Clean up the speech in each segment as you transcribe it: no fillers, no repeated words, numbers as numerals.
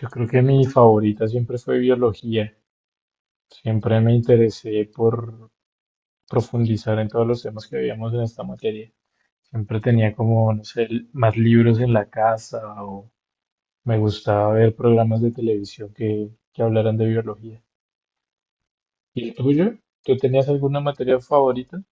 Yo creo que mi favorita siempre fue biología. Siempre me interesé por profundizar en todos los temas que veíamos en esta materia. Siempre tenía como, no sé, más libros en la casa o me gustaba ver programas de televisión que hablaran de biología. ¿Y el tuyo? ¿Tú tenías alguna materia favorita?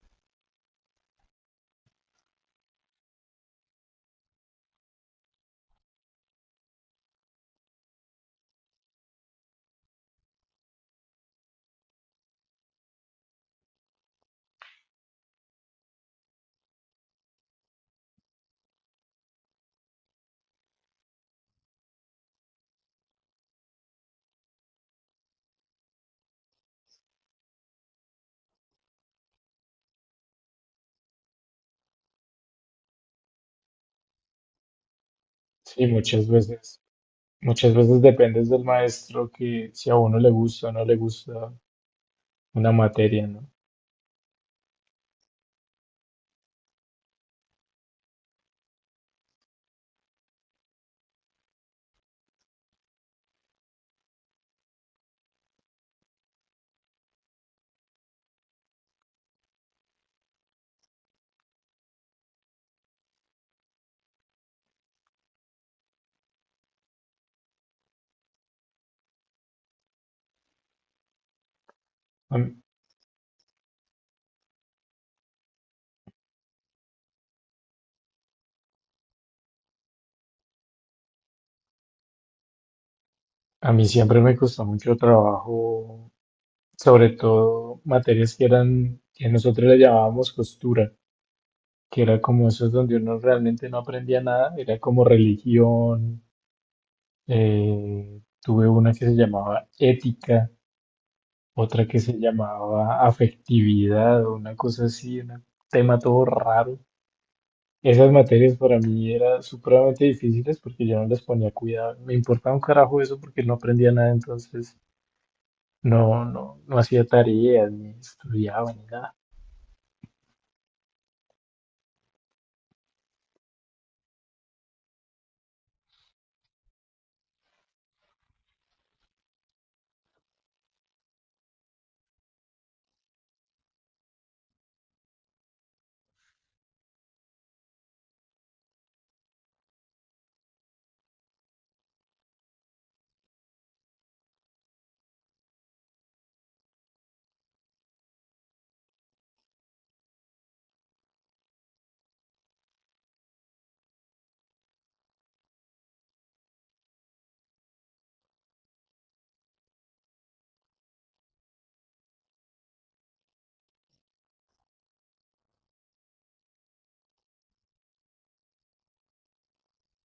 Sí, muchas veces. Muchas veces dependes del maestro que si a uno le gusta o no le gusta una materia, ¿no? A mí- A mí siempre me costó mucho trabajo, sobre todo materias que nosotros le llamábamos costura, que era como esos donde uno realmente no aprendía nada, era como religión, tuve una que se llamaba ética, otra que se llamaba afectividad, o una cosa así, un tema todo raro. Esas materias para mí eran supremamente difíciles porque yo no les ponía cuidado, me importaba un carajo eso porque no aprendía nada, entonces... No, no, no hacía tareas, ni estudiaba, ni nada.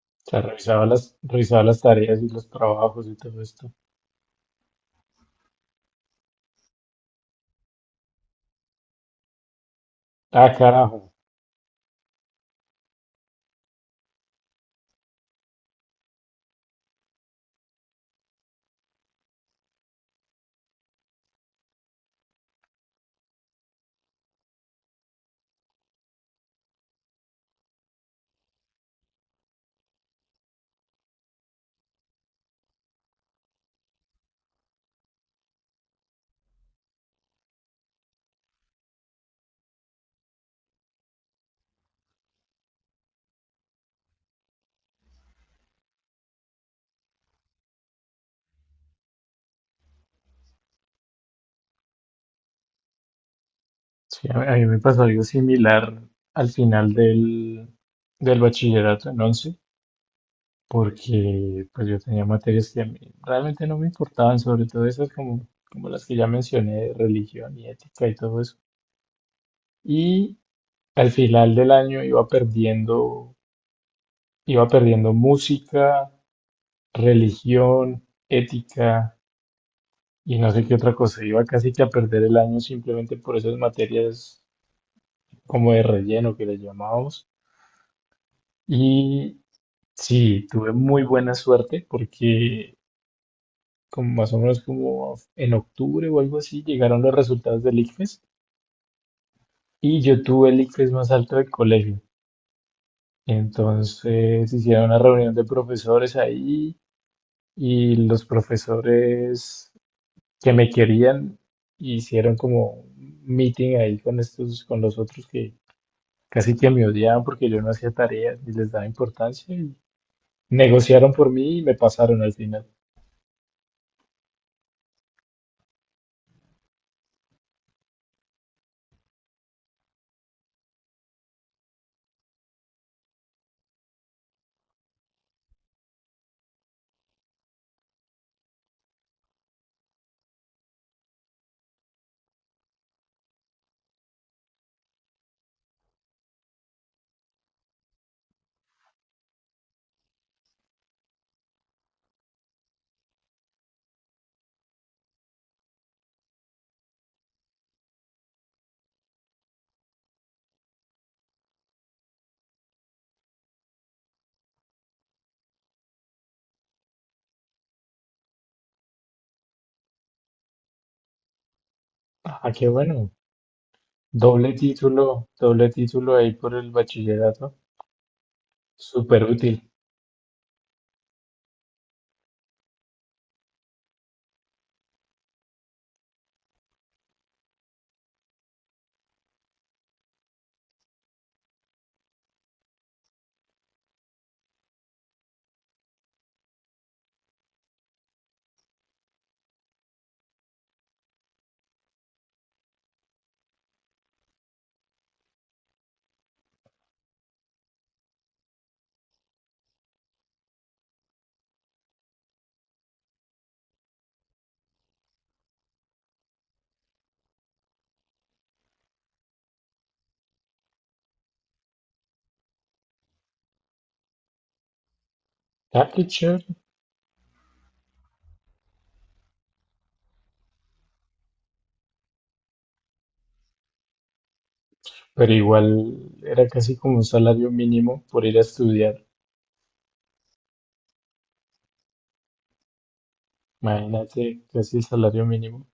O sea, revisaba las tareas y los trabajos y todo esto. Ah, carajo. Sí, a mí me pasó algo similar al final del bachillerato en 11, porque pues yo tenía materias que a mí realmente no me importaban, sobre todo esas como, como las que ya mencioné, de religión y ética y todo eso. Y al final del año iba perdiendo música, religión, ética. Y no sé qué otra cosa, iba casi que a perder el año simplemente por esas materias como de relleno que le llamamos. Y sí, tuve muy buena suerte porque como más o menos como en octubre o algo así llegaron los resultados del ICFES y yo tuve el ICFES más alto del colegio. Entonces hicieron una reunión de profesores ahí y los profesores que me querían hicieron como un meeting ahí con los otros que casi que me odiaban porque yo no hacía tareas ni les daba importancia y negociaron por mí y me pasaron al final. Ah, qué bueno. Doble título ahí por el bachillerato. Súper útil. Ah, qué chévere. Pero igual era casi como un salario mínimo por ir a estudiar. Imagínate, casi el salario mínimo.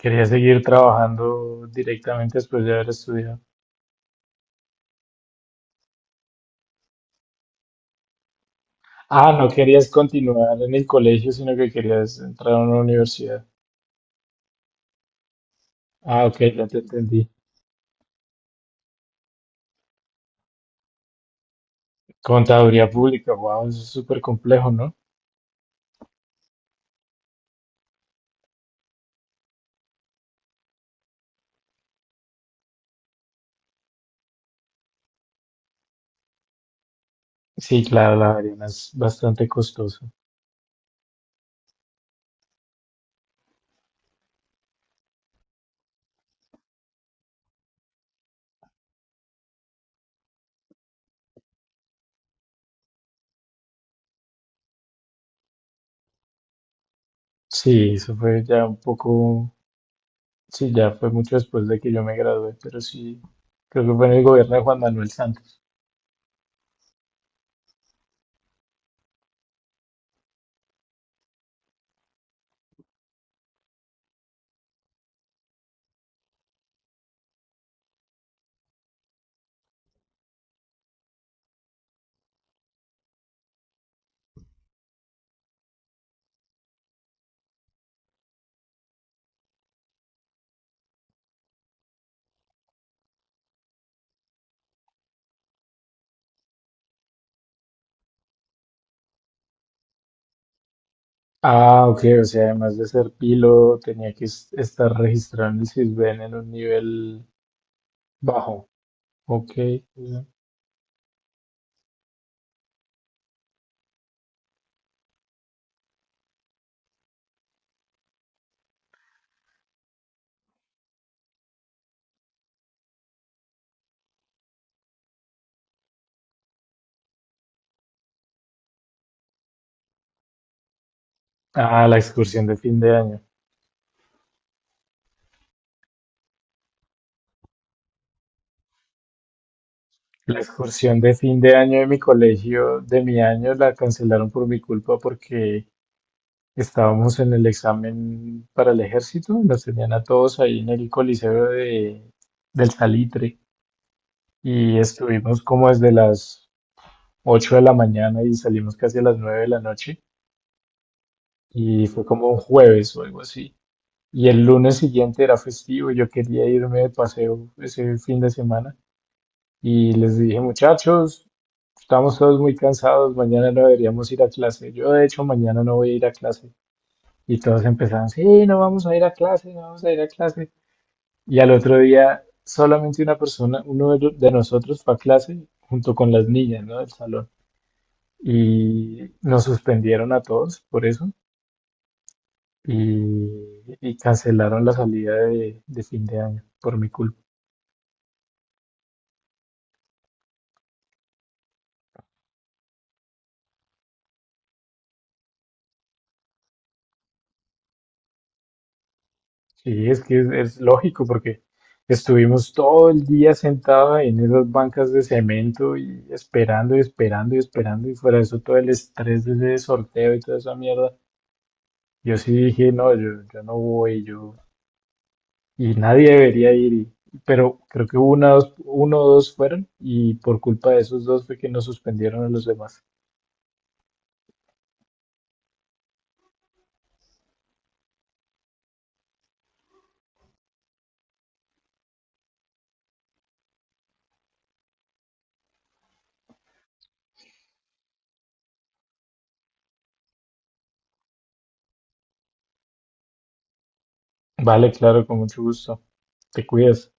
Quería seguir trabajando directamente después de haber estudiado. Ah, no querías continuar en el colegio, sino que querías entrar a una universidad. Ah, ok, ya te entendí. Contaduría pública, wow, eso es súper complejo, ¿no? Sí, claro, la Ariana es bastante costoso. Sí, eso fue ya un poco, sí, ya fue mucho después de que yo me gradué, pero sí, creo que fue en el gobierno de Juan Manuel Santos. Ah, ok, o sea, además de ser pilo, tenía que estar registrado en el Sisbén en un nivel bajo. Ok, ya. Ah, la excursión de fin de año. La excursión de fin de año de mi colegio, de mi año, la cancelaron por mi culpa porque estábamos en el examen para el ejército, nos tenían a todos ahí en el Coliseo del Salitre y estuvimos como desde las 8 de la mañana y salimos casi a las 9 de la noche y fue como un jueves o algo así. Y el lunes siguiente era festivo, yo quería irme de paseo ese fin de semana y les dije, muchachos, estamos todos muy cansados, mañana no deberíamos ir a clase. Yo de hecho mañana no voy a ir a clase. Y todos empezaron, sí, no vamos a ir a clase, no vamos a ir a clase. Y al otro día, solamente una persona, uno de nosotros fue a clase junto con las niñas, ¿no? Del salón. Y nos suspendieron a todos por eso. Y cancelaron la salida de fin de año por mi culpa. Sí, es que es lógico porque estuvimos todo el día sentados en esas bancas de cemento y esperando y esperando y esperando y fuera de eso todo el estrés de ese sorteo y toda esa mierda. Yo sí dije, no, yo no voy, yo, y nadie debería ir, y- pero creo que uno o dos fueron, y por culpa de esos dos fue que nos suspendieron a los demás. Vale, claro, con mucho gusto. Te cuidas.